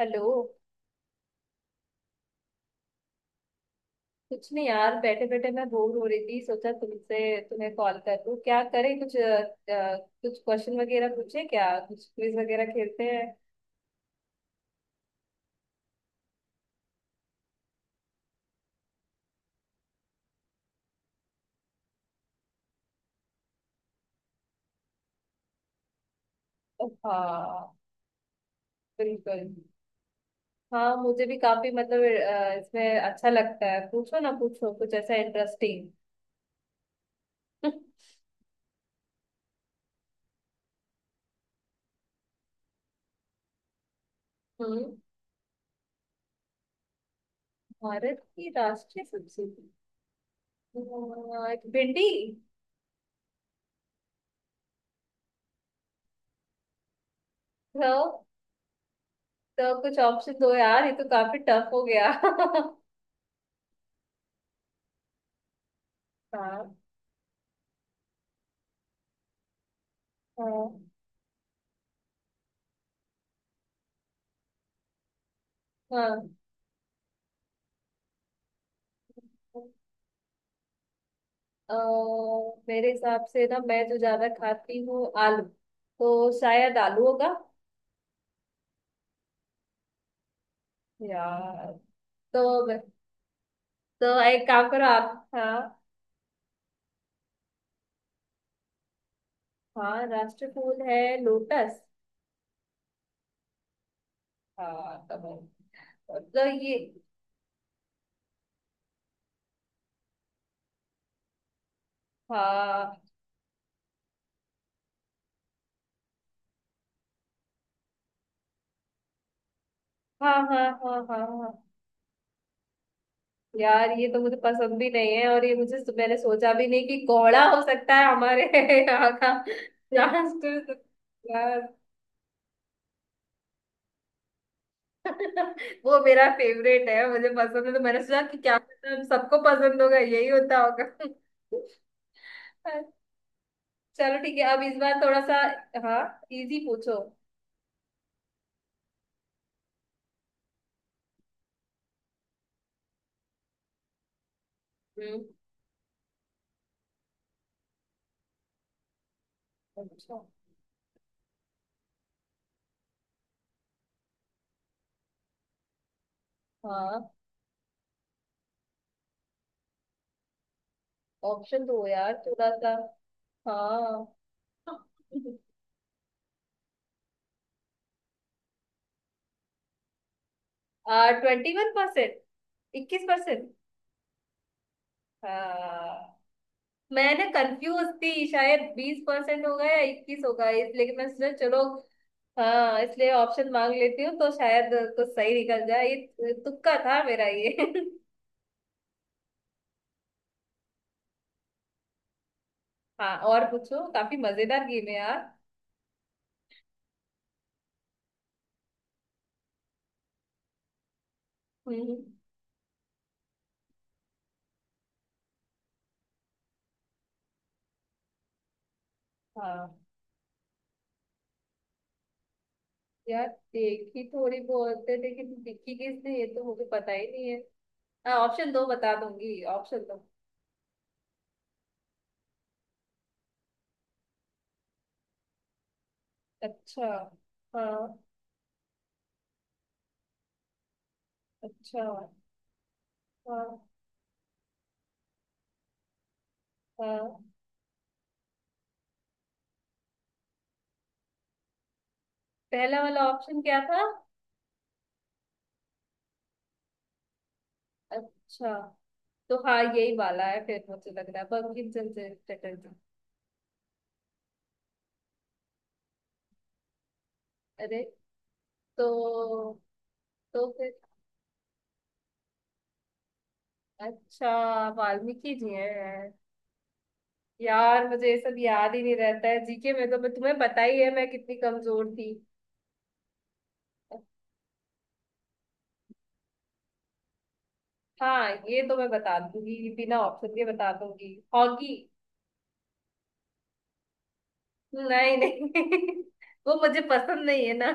Hello. कुछ नहीं यार, बैठे बैठे मैं बोर हो रही थी। सोचा तुमसे तुम्हें कॉल कर लूं, क्या करें कुछ अ, कुछ क्वेश्चन वगैरह पूछे, क्या कुछ क्विज वगैरह खेलते हैं। हाँ। बिल्कुल। हाँ मुझे भी काफी मतलब इसमें अच्छा लगता है। पूछो ना पूछो कुछ ऐसा इंटरेस्टिंग। हम्म। भारत की राष्ट्रीय सब्जी एक भिंडी। तो तो कुछ ऑप्शन दो यार, ये तो काफी टफ हो गया। हाँ, हाँ, हाँ। अ, मेरे हिसाब से ना मैं जो ज्यादा खाती हूँ आलू, तो शायद आलू होगा। यार, तो मैं- तो एक काम करो आप। हाँ। हाँ राष्ट्र फूल है, लोटस। हाँ तो तो ये। हाँ, हाँ, हाँ, हाँ, हाँ। हाँ यार, ये तो मुझे पसंद भी नहीं है, और ये मुझे मैंने सोचा भी नहीं कि कोहड़ा हो सकता है हमारे यहाँ का राष्ट्र। यार। वो मेरा फेवरेट है, मुझे पसंद है, तो मैंने सोचा कि क्या पता हम सबको पसंद होगा यही होता होगा। चलो ठीक है, अब इस बार थोड़ा सा। हाँ इजी पूछो। हम्म। अच्छा। हाँ ऑप्शन दो यार, थोड़ा सा। हाँ। आ 21%, 21%। मैं ना कंफ्यूज थी, शायद 20% होगा या इक्कीस होगा, इसलिए मैं सोचा चलो। हाँ इसलिए ऑप्शन मांग लेती हूँ, तो शायद कुछ सही निकल जाए। ये तुक्का था मेरा ये। हाँ और पूछो, काफी मजेदार गेम है यार। हम्म। हाँ यार, देखी थोड़ी बहुत है लेकिन दिखी किसने ये तो मुझे पता ही नहीं है। हाँ ऑप्शन दो, बता दूंगी। ऑप्शन दो। अच्छा। हाँ। अच्छा। हाँ, हाँ। पहला वाला ऑप्शन क्या था? अच्छा, तो हाँ यही वाला है, फिर मुझे लग रहा है बंकिम चंद्र चटर्जी। अरे, तो तो फिर अच्छा वाल्मीकि जी हैं। यार मुझे ये सब याद ही नहीं रहता है जीके में। तो मैं तुम्हें पता ही है मैं कितनी कमजोर थी। हाँ ये तो मैं बता दूंगी, बिना ऑप्शन के बता दूंगी, हॉकी। नहीं, नहीं। वो मुझे पसंद नहीं है ना।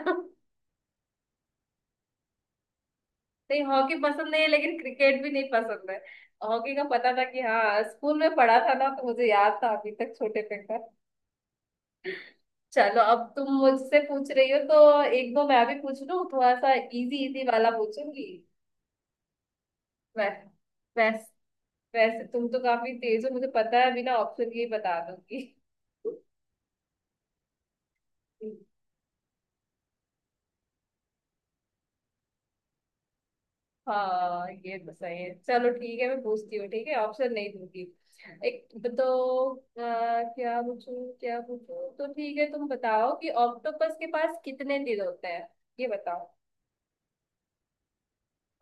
नहीं हॉकी पसंद नहीं है, लेकिन क्रिकेट भी नहीं पसंद है। हॉकी का पता था कि, हाँ स्कूल में पढ़ा था ना, तो मुझे याद था अभी तक छोटे पे का। चलो, अब तुम मुझसे पूछ रही हो तो एक दो मैं भी पूछ लूं, थोड़ा सा इजी इजी वाला पूछूंगी। वै, वैस, वैसे तुम तो काफी तेज हो, मुझे पता है बिना ऑप्शन के ही बता दूंगी। हाँ ये तो सही है। चलो ठीक है, मैं पूछती हूँ। ठीक है, ऑप्शन नहीं दूंगी। एक तो क्या पूछूं क्या पूछूं, तो ठीक है तुम बताओ कि ऑक्टोपस के पास कितने दिल होते हैं। ये बताओ।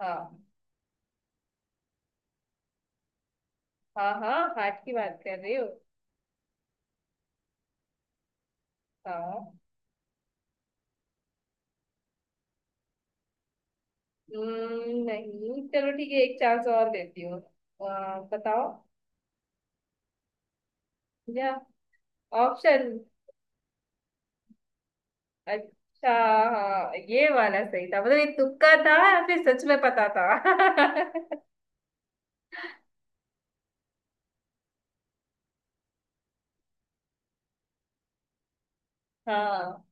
हाँ, हाँ, हाँ हार्ट की बात कर रही हो। हाँ। नहीं चलो ठीक है, एक चांस और देती हूँ। बताओ या ऑप्शन। अच्छा। हाँ ये वाला सही था, मतलब ये तुक्का था या फिर सच में पता था? हाँ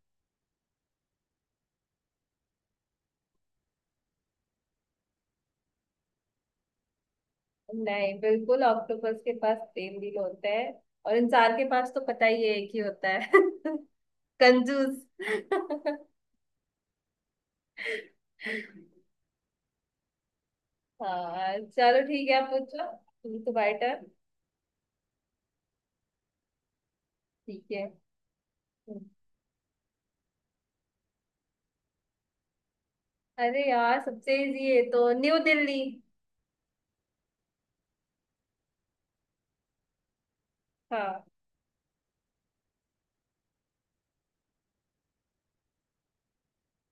नहीं, बिल्कुल ऑक्टोपस के पास तीन दिल होते हैं। और इंसान के पास तो पता ही है, एक ही होता है। कंजूस। हाँ चलो ठीक है, आप पूछो, तुम्हारी टर्न। ठीक है। अरे यार सबसे इजी है, तो न्यू दिल्ली। हाँ,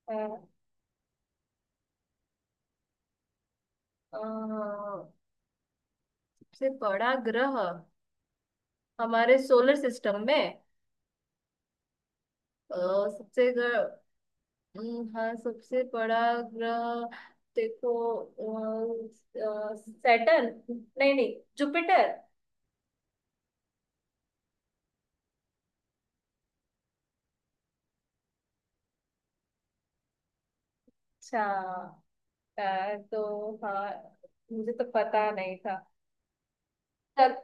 हाँ। अ, सबसे बड़ा ग्रह हमारे सोलर सिस्टम में। अ, सबसे ग्रह। हाँ सबसे बड़ा ग्रह। देखो सैटर्न। नहीं, नहीं, जुपिटर। अच्छा। तो हाँ मुझे तो पता नहीं था। तब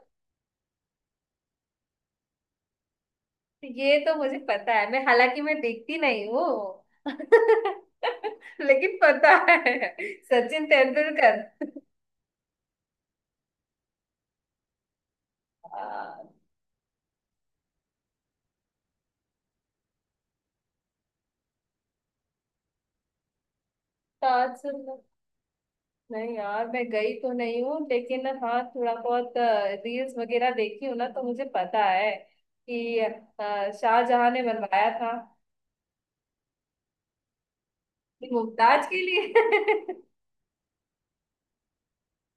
ये तो मुझे पता है, मैं हालांकि मैं देखती नहीं हूँ। लेकिन पता है, सचिन तेंदुलकर। अ, ताजमहल। नहीं यार मैं गई तो नहीं हूँ, लेकिन हाँ थोड़ा बहुत रील्स वगैरह देखी हूँ ना, तो मुझे पता है कि शाहजहां ने बनवाया था, कि मुमताज के लिए।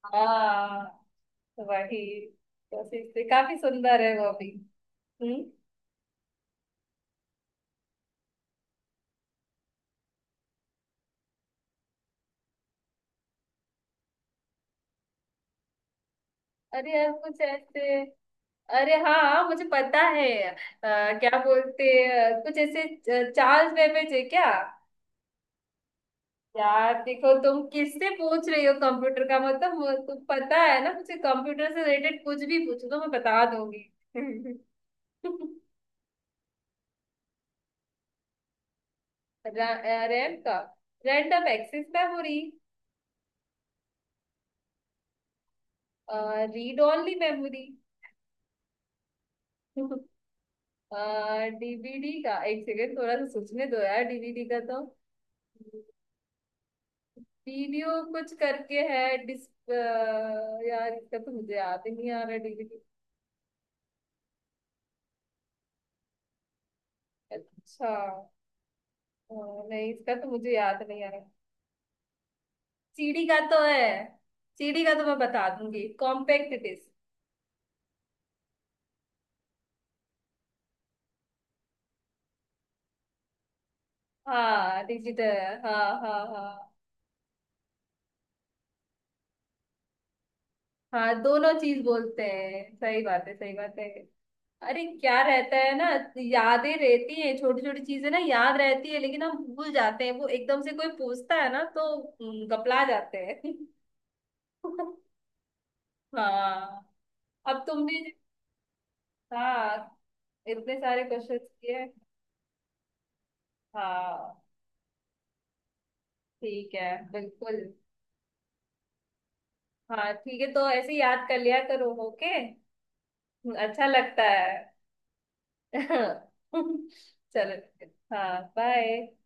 हाँ वही। तो इससे काफी सुंदर है वो भी। हम्म। अरे यार कुछ ऐसे। अरे हाँ, हाँ, मुझे पता है क्या बोलते, कुछ ऐसे चार्ल्स बेबेज है क्या? यार देखो तुम किससे पूछ रही हो, कंप्यूटर का मतलब, तुम पता है ना मुझे कंप्यूटर से रिलेटेड कुछ भी पूछ दो, मैं बता दूंगी। रा- रैम का random access memory. Read only memory. DVD का एक सेकेंड, थोड़ा सा सोचने दो यार, डीवीडी का तो वीडियो कुछ करके है डिस। यार इसका तो मुझे याद ही नहीं आ रहा डीवीडी। अच्छा। अ, नहीं इसका तो मुझे याद नहीं आ रहा। सीडी का तो है, सीडी का तो मैं बता दूंगी, कॉम्पैक्ट डिस्क। हाँ डिजिटल, हाँ, हाँ, हाँ। हाँ दोनों चीज बोलते हैं, सही बात है, सही बात है। अरे क्या रहता है ना, यादें रहती हैं, छोटी छोटी चीजें ना याद रहती है, लेकिन हम भूल जाते हैं, वो एकदम से कोई पूछता है ना तो गपला जाते हैं। हाँ। अब तुमने। हाँ इतने सारे क्वेश्चन किए। हाँ ठीक है, बिल्कुल। हाँ ठीक है, तो ऐसे याद कर लिया करो। ओके। अच्छा लगता है। चलो। हाँ, बाय।